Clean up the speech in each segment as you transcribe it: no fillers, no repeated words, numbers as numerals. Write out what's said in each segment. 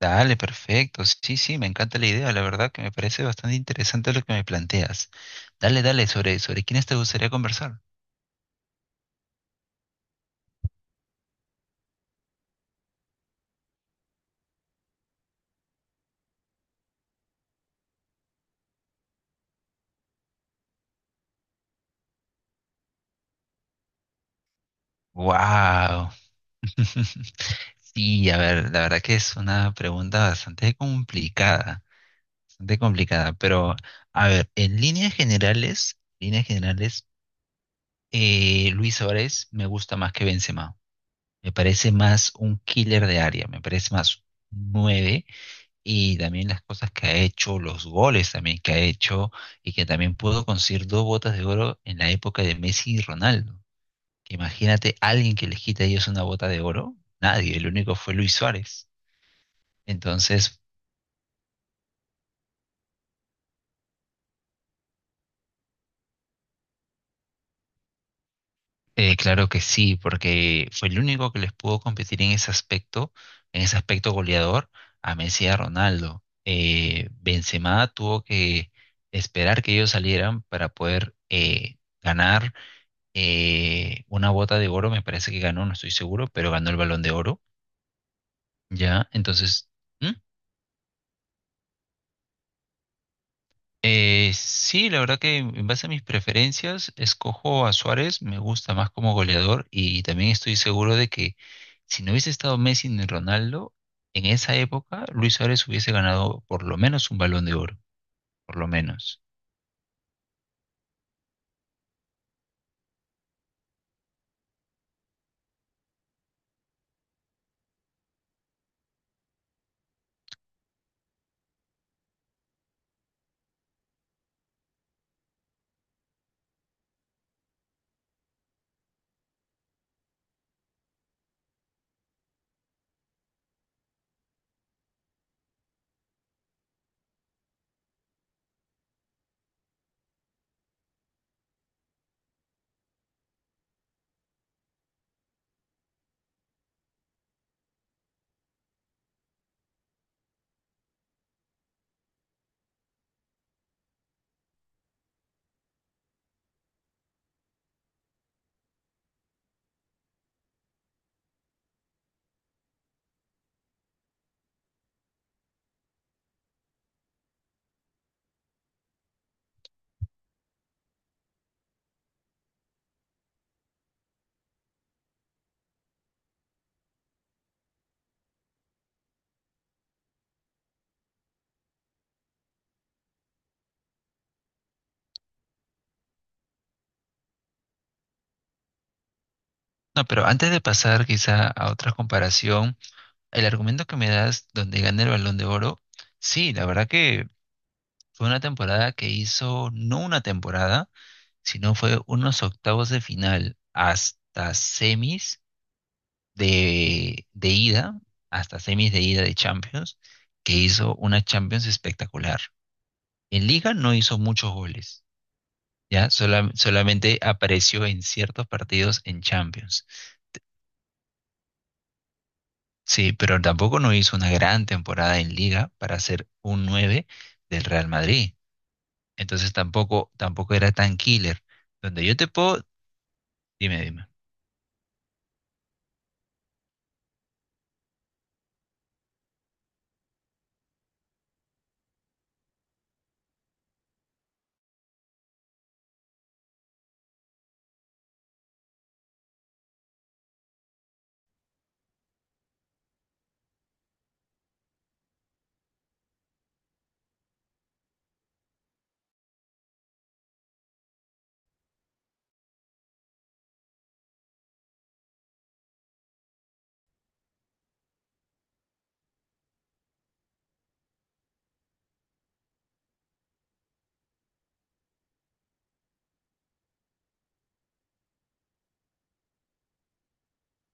Dale, perfecto. Sí, sí, me encanta la idea. La verdad que me parece bastante interesante lo que me planteas. Dale, dale, sobre quiénes te gustaría conversar. Wow. Sí, a ver, la verdad que es una pregunta bastante complicada, pero a ver, en líneas generales, Luis Suárez me gusta más que Benzema. Me parece más un killer de área, me parece más nueve y también las cosas que ha hecho, los goles también que ha hecho y que también pudo conseguir dos botas de oro en la época de Messi y Ronaldo. Que Imagínate alguien que les quita a ellos una bota de oro, nadie, el único fue Luis Suárez. Entonces, claro que sí, porque fue el único que les pudo competir en ese aspecto goleador a Messi y a Ronaldo. Benzema tuvo que esperar que ellos salieran para poder ganar una bota de oro, me parece que ganó, no estoy seguro, pero ganó el Balón de Oro, ¿ya? Entonces, ¿Mm? Sí, la verdad que en base a mis preferencias, escojo a Suárez, me gusta más como goleador y también estoy seguro de que si no hubiese estado Messi ni Ronaldo, en esa época Luis Suárez hubiese ganado por lo menos un Balón de Oro, por lo menos. No, pero antes de pasar quizá a otra comparación, el argumento que me das donde gana el Balón de Oro, sí, la verdad que fue una temporada que hizo, no una temporada, sino fue unos octavos de final hasta semis de ida, hasta semis de ida de Champions, que hizo una Champions espectacular. En Liga no hizo muchos goles, ¿ya? Sola- solamente apareció en ciertos partidos en Champions. Sí, pero tampoco no hizo una gran temporada en Liga para ser un 9 del Real Madrid. Entonces tampoco, tampoco era tan killer. Donde yo te puedo, dime, dime.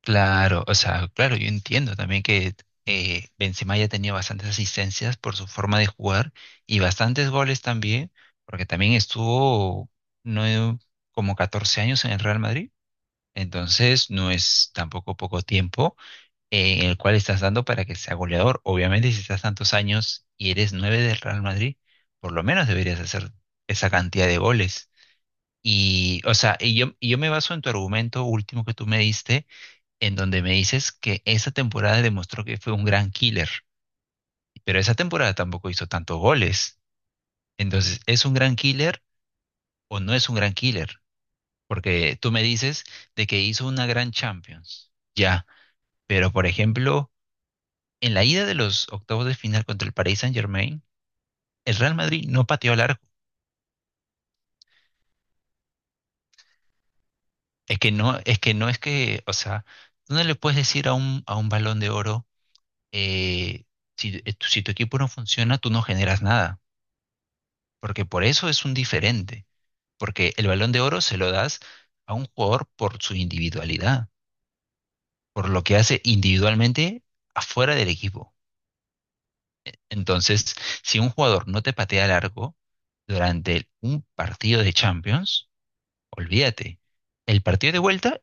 Claro, o sea, claro, yo entiendo también que Benzema ya tenía bastantes asistencias por su forma de jugar y bastantes goles también, porque también estuvo no como 14 años en el Real Madrid, entonces no es tampoco poco tiempo en el cual estás dando para que sea goleador. Obviamente, si estás tantos años y eres nueve del Real Madrid, por lo menos deberías hacer esa cantidad de goles. Y, o sea, y yo me baso en tu argumento último que tú me diste en donde me dices que esa temporada demostró que fue un gran killer, pero esa temporada tampoco hizo tantos goles. Entonces, ¿es un gran killer o no es un gran killer? Porque tú me dices de que hizo una gran Champions, ya, pero por ejemplo, en la ida de los octavos de final contra el Paris Saint-Germain, el Real Madrid no pateó al arco. Es que no, es que no es que, o sea, tú no le puedes decir a un balón de oro, eh, si, tu- si tu equipo no funciona, tú no generas nada, porque por eso es un diferente. Porque el Balón de Oro se lo das a un jugador por su individualidad, por lo que hace individualmente afuera del equipo. Entonces, si un jugador no te patea largo durante un partido de Champions, olvídate. El partido de vuelta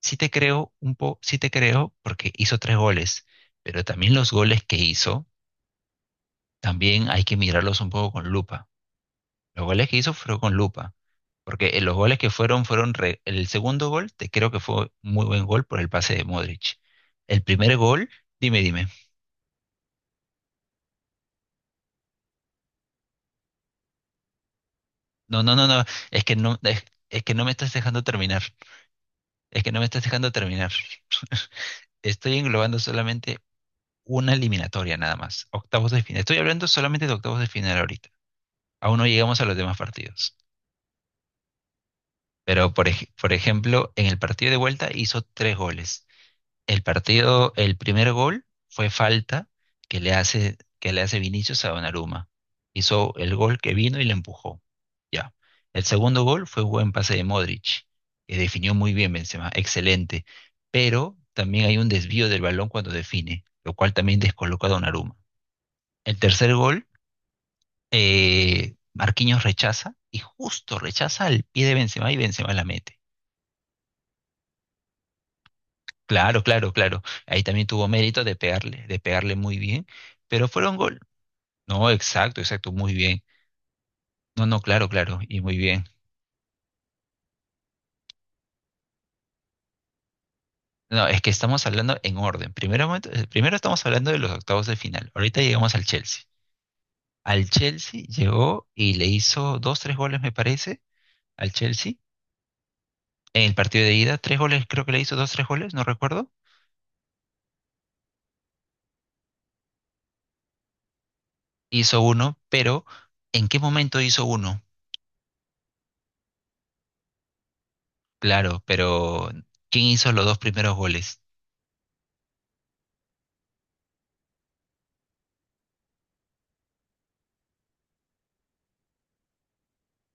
sí te creo un po, sí te creo porque hizo tres goles, pero también los goles que hizo también hay que mirarlos un poco con lupa. Los goles que hizo fueron con lupa, porque los goles que fueron fueron re- el segundo gol, te creo que fue muy buen gol por el pase de Modric. El primer gol, dime, dime. No, es que no es, es que no me estás dejando terminar. Es que no me estás dejando terminar. Estoy englobando solamente una eliminatoria nada más, octavos de final. Estoy hablando solamente de octavos de final ahorita. Aún no llegamos a los demás partidos. Pero por ej- por ejemplo, en el partido de vuelta hizo tres goles. El partido, el primer gol fue falta que le hace Vinicius a Donnarumma. Hizo el gol que vino y le empujó. Ya. El segundo gol fue un buen pase de Modric, que definió muy bien Benzema, excelente. Pero también hay un desvío del balón cuando define, lo cual también descoloca a Donnarumma. El tercer gol, Marquinhos rechaza y justo rechaza al pie de Benzema y Benzema la mete. Claro, claro, claro. Ahí también tuvo mérito de pegarle muy bien, pero fueron gol. No, exacto, exacto, muy bien. No, no, claro, claro, y muy bien. No, es que estamos hablando en orden. Primero, momento- primero estamos hablando de los octavos de final. Ahorita llegamos al Chelsea. Al Chelsea llegó y le hizo dos, tres goles, me parece, al Chelsea. En el partido de ida, tres goles, creo que le hizo dos, tres goles, no recuerdo. Hizo uno, pero ¿en qué momento hizo uno? Claro, pero ¿quién hizo los dos primeros goles?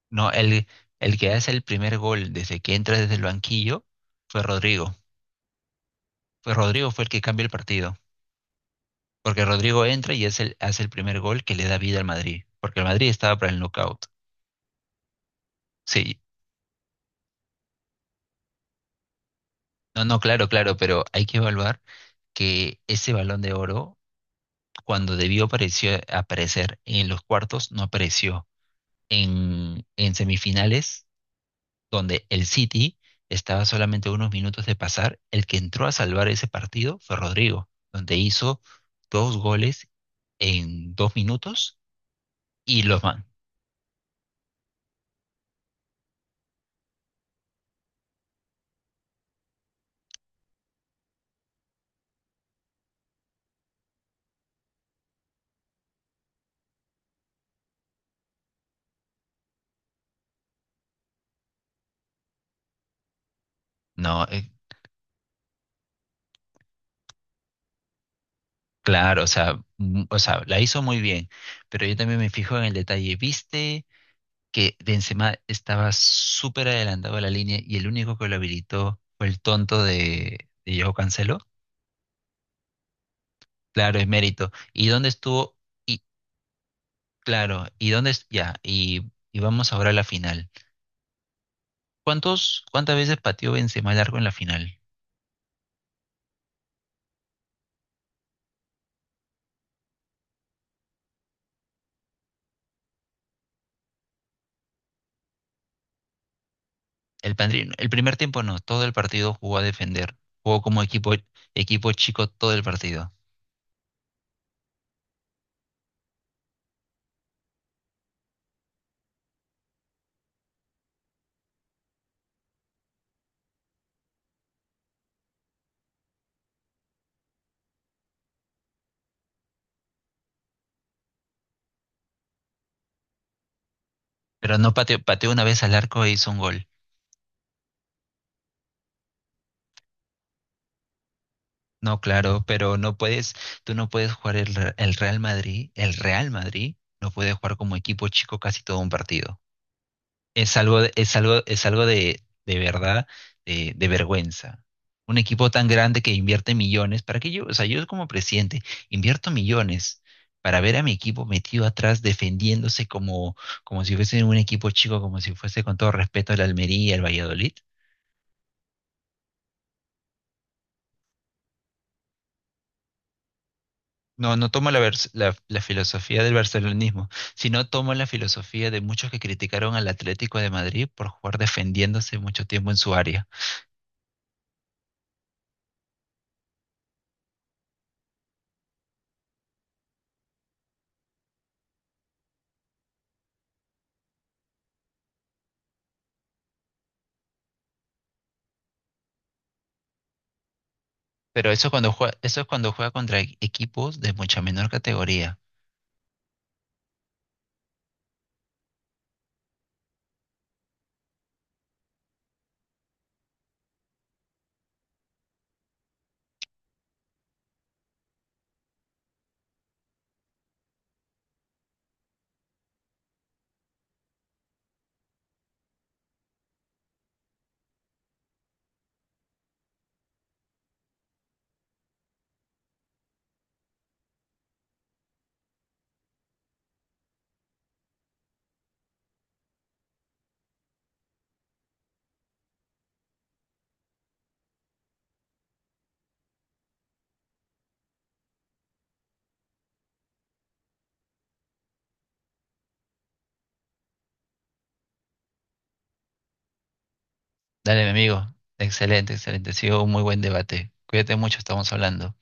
No, el que hace el primer gol desde que entra desde el banquillo fue Rodrigo. Fue Rodrigo fue el que cambia el partido. Porque Rodrigo entra y es el, hace el primer gol que le da vida al Madrid. Porque el Madrid estaba para el knockout. Sí. No, no, claro, claro, pero hay que evaluar que ese balón de oro, cuando debió apareció- aparecer en los cuartos, no apareció. En semifinales donde el City estaba solamente a unos minutos de pasar. El que entró a salvar ese partido fue Rodrigo, donde hizo dos goles en dos minutos y los man. No, claro, o sea, mm, o sea, la hizo muy bien, pero yo también me fijo en el detalle. ¿Viste que Benzema estaba súper adelantado a la línea y el único que lo habilitó fue el tonto de Joao Cancelo? Claro, es mérito. ¿Y dónde estuvo? Claro, ¿y dónde es? Ya, y vamos ahora a la final. ¿Cuántos, cuántas veces pateó Benzema largo en la final? El, pandri- el primer tiempo no, todo el partido jugó a defender, jugó como equipo, equipo chico todo el partido, pero no pateó, pateó una vez al arco e hizo un gol. No, claro, pero no puedes, tú no puedes jugar el, Re- el Real Madrid no puede jugar como equipo chico casi todo un partido. Es algo, de- es algo de verdad, de vergüenza. Un equipo tan grande que invierte millones, ¿para qué yo? O sea, yo como presidente invierto millones para ver a mi equipo metido atrás defendiéndose como, como si fuese un equipo chico, como si fuese con todo respeto el Almería, el Valladolid. No, no tomo la, vers- la filosofía del barcelonismo, sino tomo la filosofía de muchos que criticaron al Atlético de Madrid por jugar defendiéndose mucho tiempo en su área. Pero eso es cuando juega, eso es cuando juega contra e- equipos de mucha menor categoría. Dale, mi amigo. Excelente, excelente. Ha sido un muy buen debate. Cuídate mucho, estamos hablando.